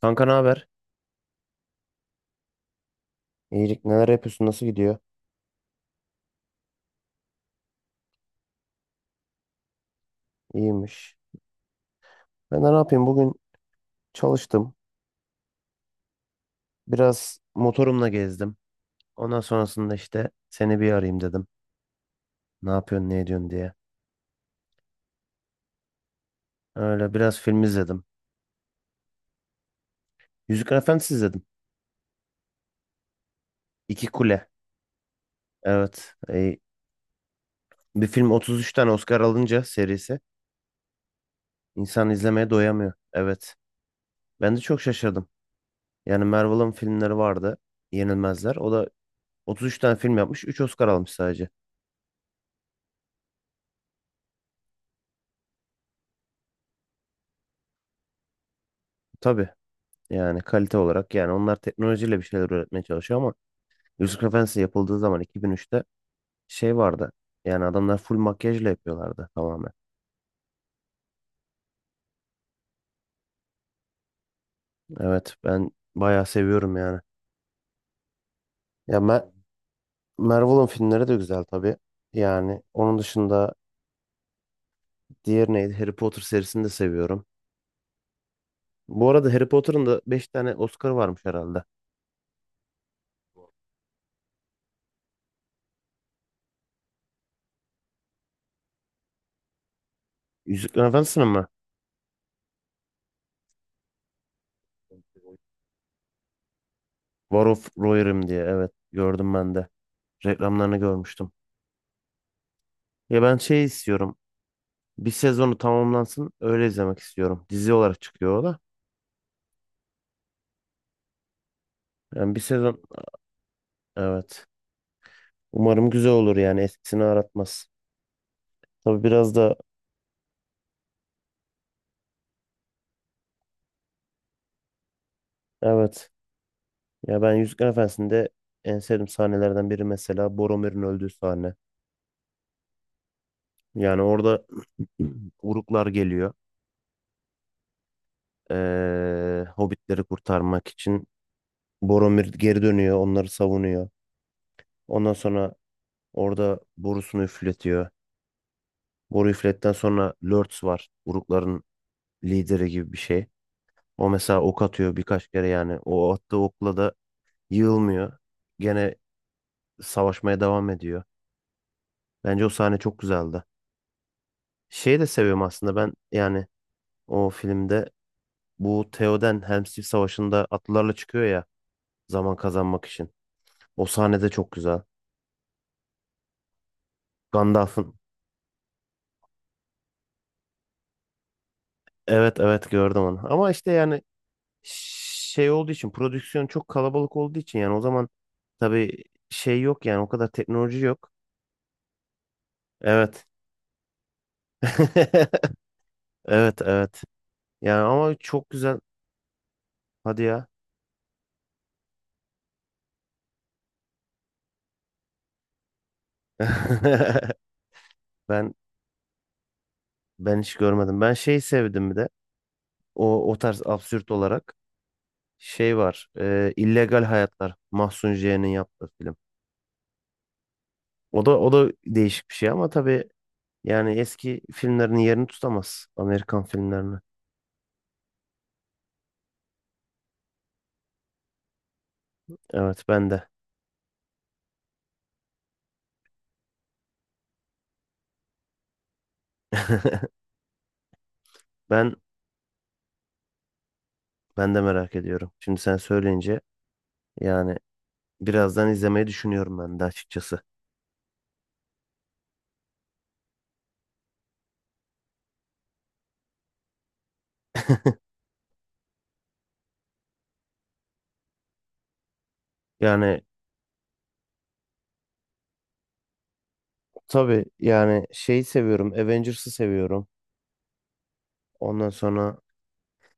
Kanka, ne haber? İyilik, neler yapıyorsun? Nasıl gidiyor? İyiymiş. Ben de ne yapayım? Bugün çalıştım. Biraz motorumla gezdim. Ondan sonrasında işte seni bir arayayım dedim. Ne yapıyorsun, ne ediyorsun diye. Öyle biraz film izledim. Yüzükler Efendisi izledim. İki Kule. Evet. Bir film 33 tane Oscar alınca serisi insan izlemeye doyamıyor. Evet. Ben de çok şaşırdım. Yani Marvel'ın filmleri vardı. Yenilmezler. O da 33 tane film yapmış. Üç Oscar almış sadece. Tabii. Yani kalite olarak, yani onlar teknolojiyle bir şeyler üretmeye çalışıyor ama Yusuf Efendisi yapıldığı zaman, 2003'te, şey vardı. Yani adamlar full makyajla yapıyorlardı tamamen. Evet, ben bayağı seviyorum yani. Ya Ma- Marvel'ın filmleri de güzel tabii. Yani onun dışında diğer neydi? Harry Potter serisini de seviyorum. Bu arada Harry Potter'ın da 5 tane Oscar varmış herhalde. Yüzüklerin Efendisi'nin mi? War of Rohirrim diye, evet, gördüm ben de. Reklamlarını görmüştüm. Ya ben şey istiyorum. Bir sezonu tamamlansın. Öyle izlemek istiyorum. Dizi olarak çıkıyor o da. Yani bir sezon, evet. Umarım güzel olur, yani eskisini aratmaz. Tabii biraz da evet. Ya ben Yüzükler Efendisi'nde en sevdiğim sahnelerden biri mesela Boromir'in öldüğü sahne. Yani orada Uruklar geliyor. Hobbitleri kurtarmak için Boromir geri dönüyor, onları savunuyor. Ondan sonra orada borusunu üfletiyor. Boru üfletten sonra Lurtz var. Urukların lideri gibi bir şey. O mesela ok atıyor birkaç kere yani. O attığı okla da yığılmıyor. Gene savaşmaya devam ediyor. Bence o sahne çok güzeldi. Şeyi de seviyorum aslında ben, yani o filmde bu Theoden Helm's Deep Savaşı'nda atlılarla çıkıyor ya, zaman kazanmak için. O sahne de çok güzel. Gandalf'ın, evet evet, gördüm onu. Ama işte yani şey olduğu için, prodüksiyon çok kalabalık olduğu için, yani o zaman tabii şey yok, yani o kadar teknoloji yok. Evet. Evet, evet. Yani ama çok güzel. Hadi ya. Ben ben hiç görmedim. Ben şey sevdim bir de. O o tarz absürt olarak şey var. İllegal Hayatlar. Mahsun J'nin yaptığı film. O da değişik bir şey ama tabii, yani eski filmlerin yerini tutamaz. Amerikan filmlerini. Evet, ben de. Ben ben de merak ediyorum. Şimdi sen söyleyince, yani birazdan izlemeyi düşünüyorum ben de açıkçası. Yani tabii, yani şeyi seviyorum. Avengers'ı seviyorum. Ondan sonra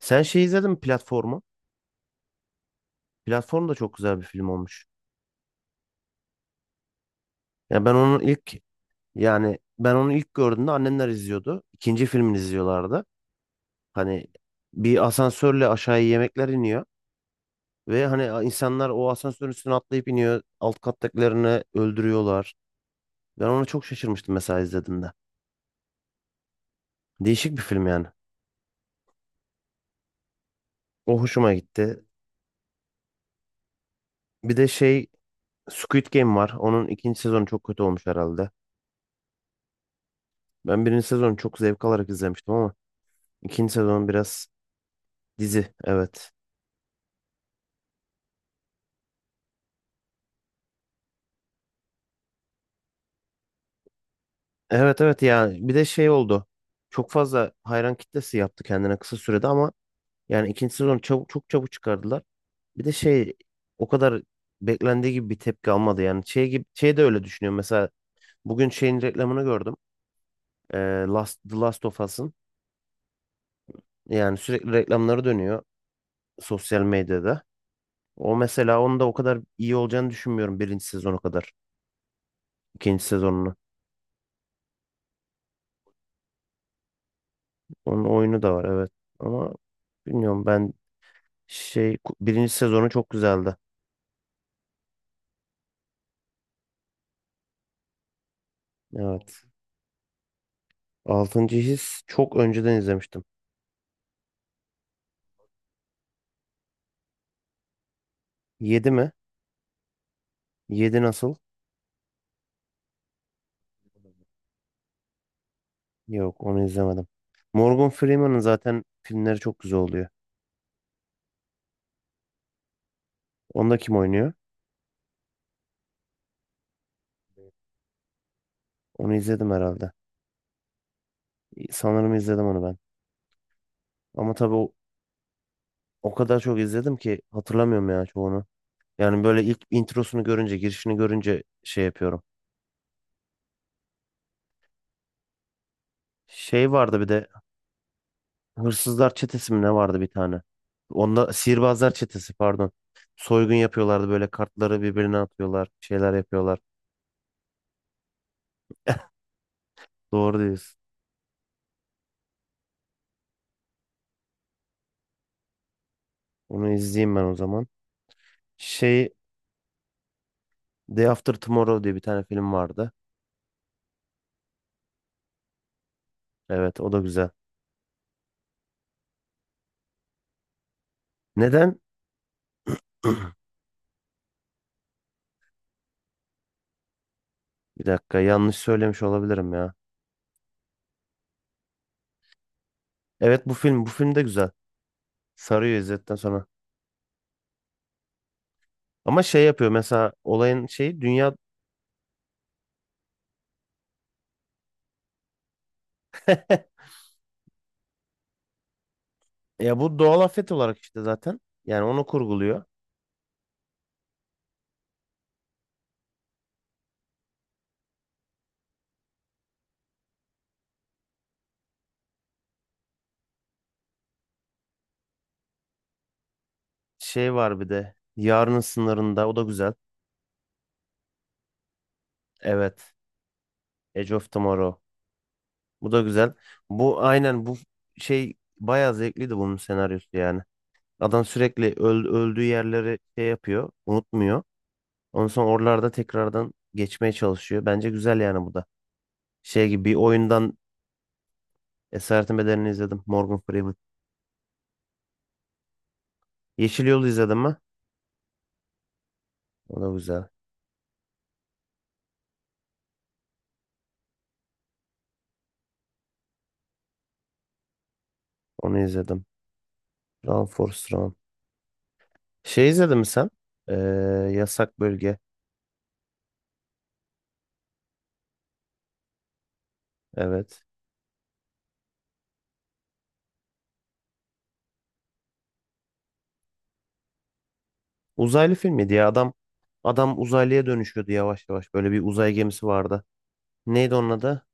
sen şey izledin mi, platformu? Platform da çok güzel bir film olmuş. Ya ben onu ilk ben onu ilk gördüğümde annemler izliyordu. İkinci filmini izliyorlardı. Hani bir asansörle aşağıya yemekler iniyor ve hani insanlar o asansörün üstüne atlayıp iniyor. Alt kattakilerini öldürüyorlar. Ben ona çok şaşırmıştım mesela izlediğimde. Değişik bir film yani. O hoşuma gitti. Bir de şey, Squid Game var. Onun ikinci sezonu çok kötü olmuş herhalde. Ben birinci sezonu çok zevk alarak izlemiştim ama ikinci sezon biraz... Dizi, evet. Evet evet, yani bir de şey oldu. Çok fazla hayran kitlesi yaptı kendine kısa sürede ama yani ikinci sezonu çabuk, çok çabuk çıkardılar. Bir de şey, o kadar beklendiği gibi bir tepki almadı yani. Şey gibi, şey de öyle düşünüyorum. Mesela bugün şeyin reklamını gördüm. Ee, The Last of Us'ın, yani sürekli reklamları dönüyor sosyal medyada. O mesela, onun da o kadar iyi olacağını düşünmüyorum birinci sezonu kadar. İkinci sezonunu. Onun oyunu da var, evet. Ama bilmiyorum ben. Şey birinci sezonu çok güzeldi. Evet. Altıncı His çok önceden izlemiştim. Yedi mi? Yedi nasıl? Yok, onu izlemedim. Morgan Freeman'ın zaten filmleri çok güzel oluyor. Onda kim oynuyor? Onu izledim herhalde. Sanırım izledim onu ben. Ama tabii o kadar çok izledim ki hatırlamıyorum ya çoğunu. Yani böyle ilk introsunu görünce, girişini görünce şey yapıyorum. Şey vardı bir de, Hırsızlar çetesi mi ne vardı bir tane? Onda sihirbazlar çetesi, pardon. Soygun yapıyorlardı böyle, kartları birbirine atıyorlar, şeyler yapıyorlar. Doğru diyorsun. Onu izleyeyim ben o zaman. Şey, Day After Tomorrow diye bir tane film vardı. Evet, o da güzel. Neden? Bir dakika, yanlış söylemiş olabilirim ya. Evet, bu film de güzel. Sarıyor izledikten sonra. Ama şey yapıyor mesela, olayın şeyi, dünya ya, bu doğal afet olarak işte zaten. Yani onu kurguluyor. Şey var bir de. Yarının Sınırında. O da güzel. Evet. Edge of Tomorrow. Bu da güzel. Bu şey, bayağı zevkliydi bunun senaryosu yani. Adam sürekli öldüğü yerleri şey yapıyor. Unutmuyor. Ondan sonra oralarda tekrardan geçmeye çalışıyor. Bence güzel yani bu da. Şey gibi bir oyundan. Esaretin Bedeli'ni izledim. Morgan Freeman. Yeşil Yol'u izledim mi? O da güzel. Onu izledim. Run Forrest Run. Şey izledin mi sen? Ee, Yasak Bölge. Evet. Uzaylı filmi diye, adam uzaylıya dönüşüyordu yavaş yavaş. Böyle bir uzay gemisi vardı. Neydi onun adı?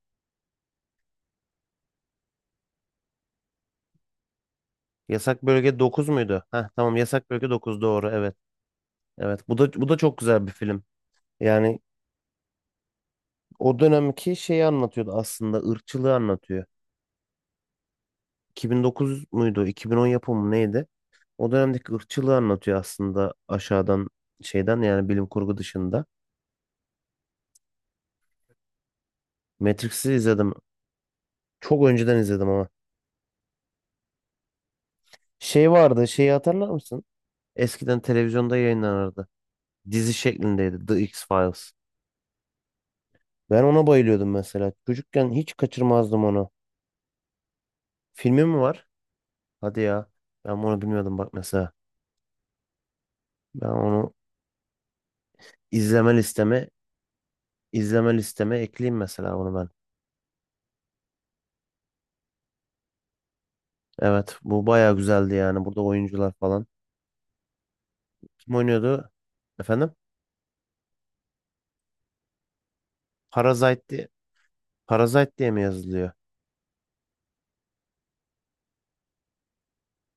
Yasak Bölge 9 muydu? Heh, tamam, Yasak Bölge 9, doğru, evet. Evet, bu da çok güzel bir film. Yani o dönemki şeyi anlatıyordu, aslında ırkçılığı anlatıyor. 2009 muydu, 2010 yapımı mı, neydi? O dönemdeki ırkçılığı anlatıyor aslında, aşağıdan şeyden, yani bilim kurgu dışında. Matrix'i izledim. Çok önceden izledim ama. Şey vardı, şeyi hatırlar mısın? Eskiden televizyonda yayınlanırdı. Dizi şeklindeydi, The X-Files. Ben ona bayılıyordum mesela. Çocukken hiç kaçırmazdım onu. Filmi mi var? Hadi ya. Ben onu bilmiyordum bak mesela. Ben onu izleme listeme izleme listeme ekleyeyim mesela bunu ben. Evet, bu bayağı güzeldi yani. Burada oyuncular falan. Kim oynuyordu? Efendim? Parasite diye, Parasite diye, mi yazılıyor?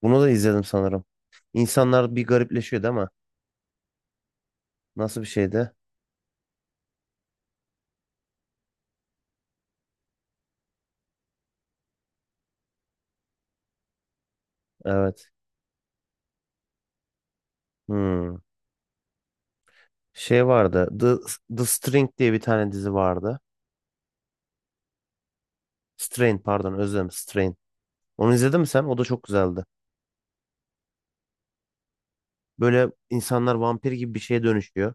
Bunu da izledim sanırım. İnsanlar bir garipleşiyordu ama nasıl bir şeydi? Evet. Hmm. Şey vardı. The String diye bir tane dizi vardı. Strain, pardon, özlem Strain. Onu izledin mi sen? O da çok güzeldi. Böyle insanlar vampir gibi bir şeye dönüşüyor.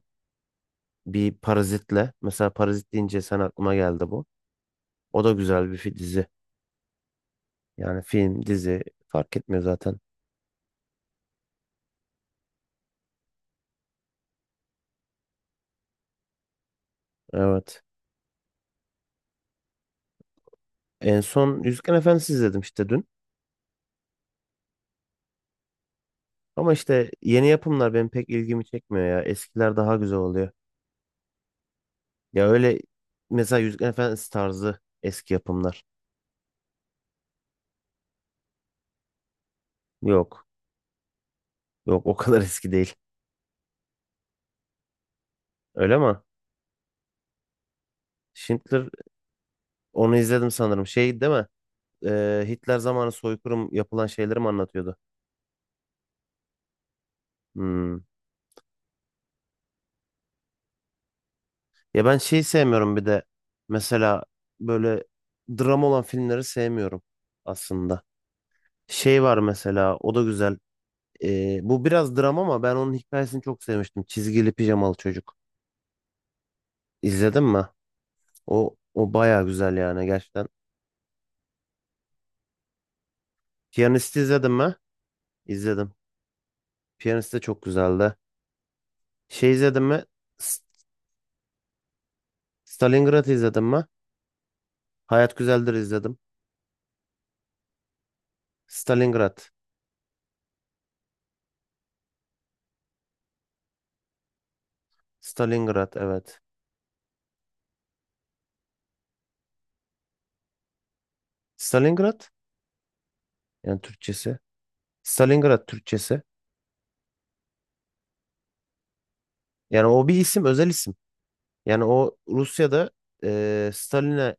Bir parazitle. Mesela parazit deyince sen, aklıma geldi bu. O da güzel bir dizi. Yani film, dizi fark etmiyor zaten. Evet. En son Yüzüklerin Efendisi izledim işte dün. Ama işte yeni yapımlar benim pek ilgimi çekmiyor ya. Eskiler daha güzel oluyor. Ya öyle, mesela Yüzüklerin Efendisi tarzı eski yapımlar. Yok. Yok, o kadar eski değil. Öyle mi? Schindler, onu izledim sanırım. Şey değil mi? Hitler zamanı soykırım yapılan şeyleri mi anlatıyordu? Hmm. Ya ben şeyi sevmiyorum bir de, mesela böyle dram olan filmleri sevmiyorum aslında. Şey var mesela, o da güzel. Bu biraz dram ama ben onun hikayesini çok sevmiştim. Çizgili Pijamalı Çocuk. İzledin mi? O o baya güzel yani, gerçekten. Piyanist'i izledin mi? İzledim. Piyanist de çok güzeldi. Şey izledin mi? S- Stalingrad izledin mi? Hayat Güzeldir izledim. Stalingrad. Stalingrad, evet. Stalingrad, yani Türkçesi. Stalingrad Türkçesi. Yani o bir isim, özel isim. Yani o Rusya'da Stalin'e,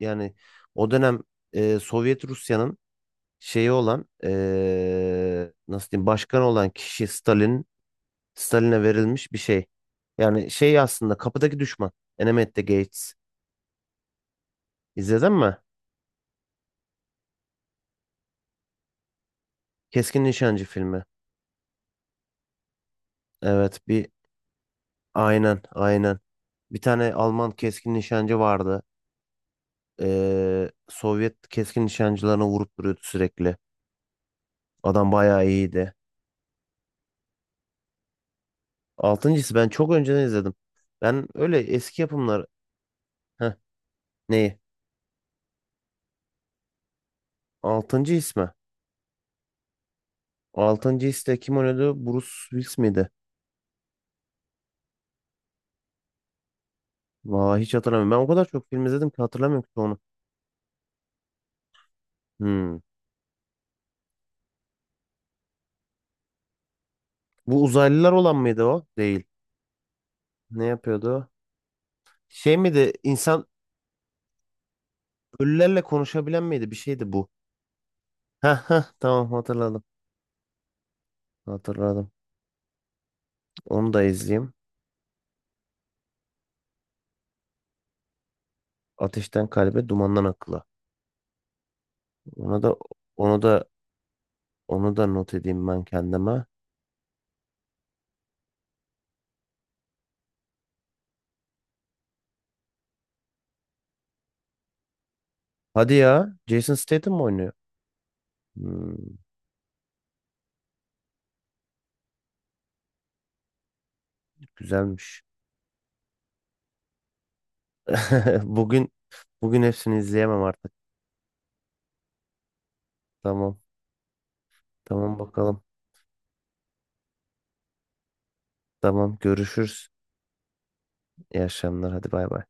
yani o dönem, Sovyet Rusya'nın şeyi olan, nasıl diyeyim, başkanı olan kişi Stalin'e verilmiş bir şey. Yani şey aslında, kapıdaki düşman. Enemy at the Gates. İzledin mi? Keskin Nişancı filmi. Evet, bir, aynen aynen. Bir tane Alman keskin nişancı vardı. Sovyet keskin nişancılarına vurup duruyordu sürekli. Adam bayağı iyiydi. Altıncı His ben çok önceden izledim. Ben öyle eski yapımlar... Heh, neyi? Altıncı His mi? Altıncı His'te kim oynuyordu? Bruce Willis miydi? Vay, hiç hatırlamıyorum. Ben o kadar çok film izledim ki hatırlamıyorum ki onu. Hmm. Bu uzaylılar olan mıydı o? Değil. Ne yapıyordu o? Şey miydi? İnsan ölülerle konuşabilen miydi? Bir şeydi bu. Heh, heh, tamam, hatırladım. Hatırladım. Onu da izleyeyim. Ateşten Kalbe, Dumandan Akla. Onu da onu da onu da not edeyim ben kendime. Hadi ya. Jason Statham mı oynuyor? Hmm, güzelmiş. Bugün bugün hepsini izleyemem artık. Tamam. Tamam, bakalım. Tamam, görüşürüz. İyi akşamlar. Hadi, bay bay.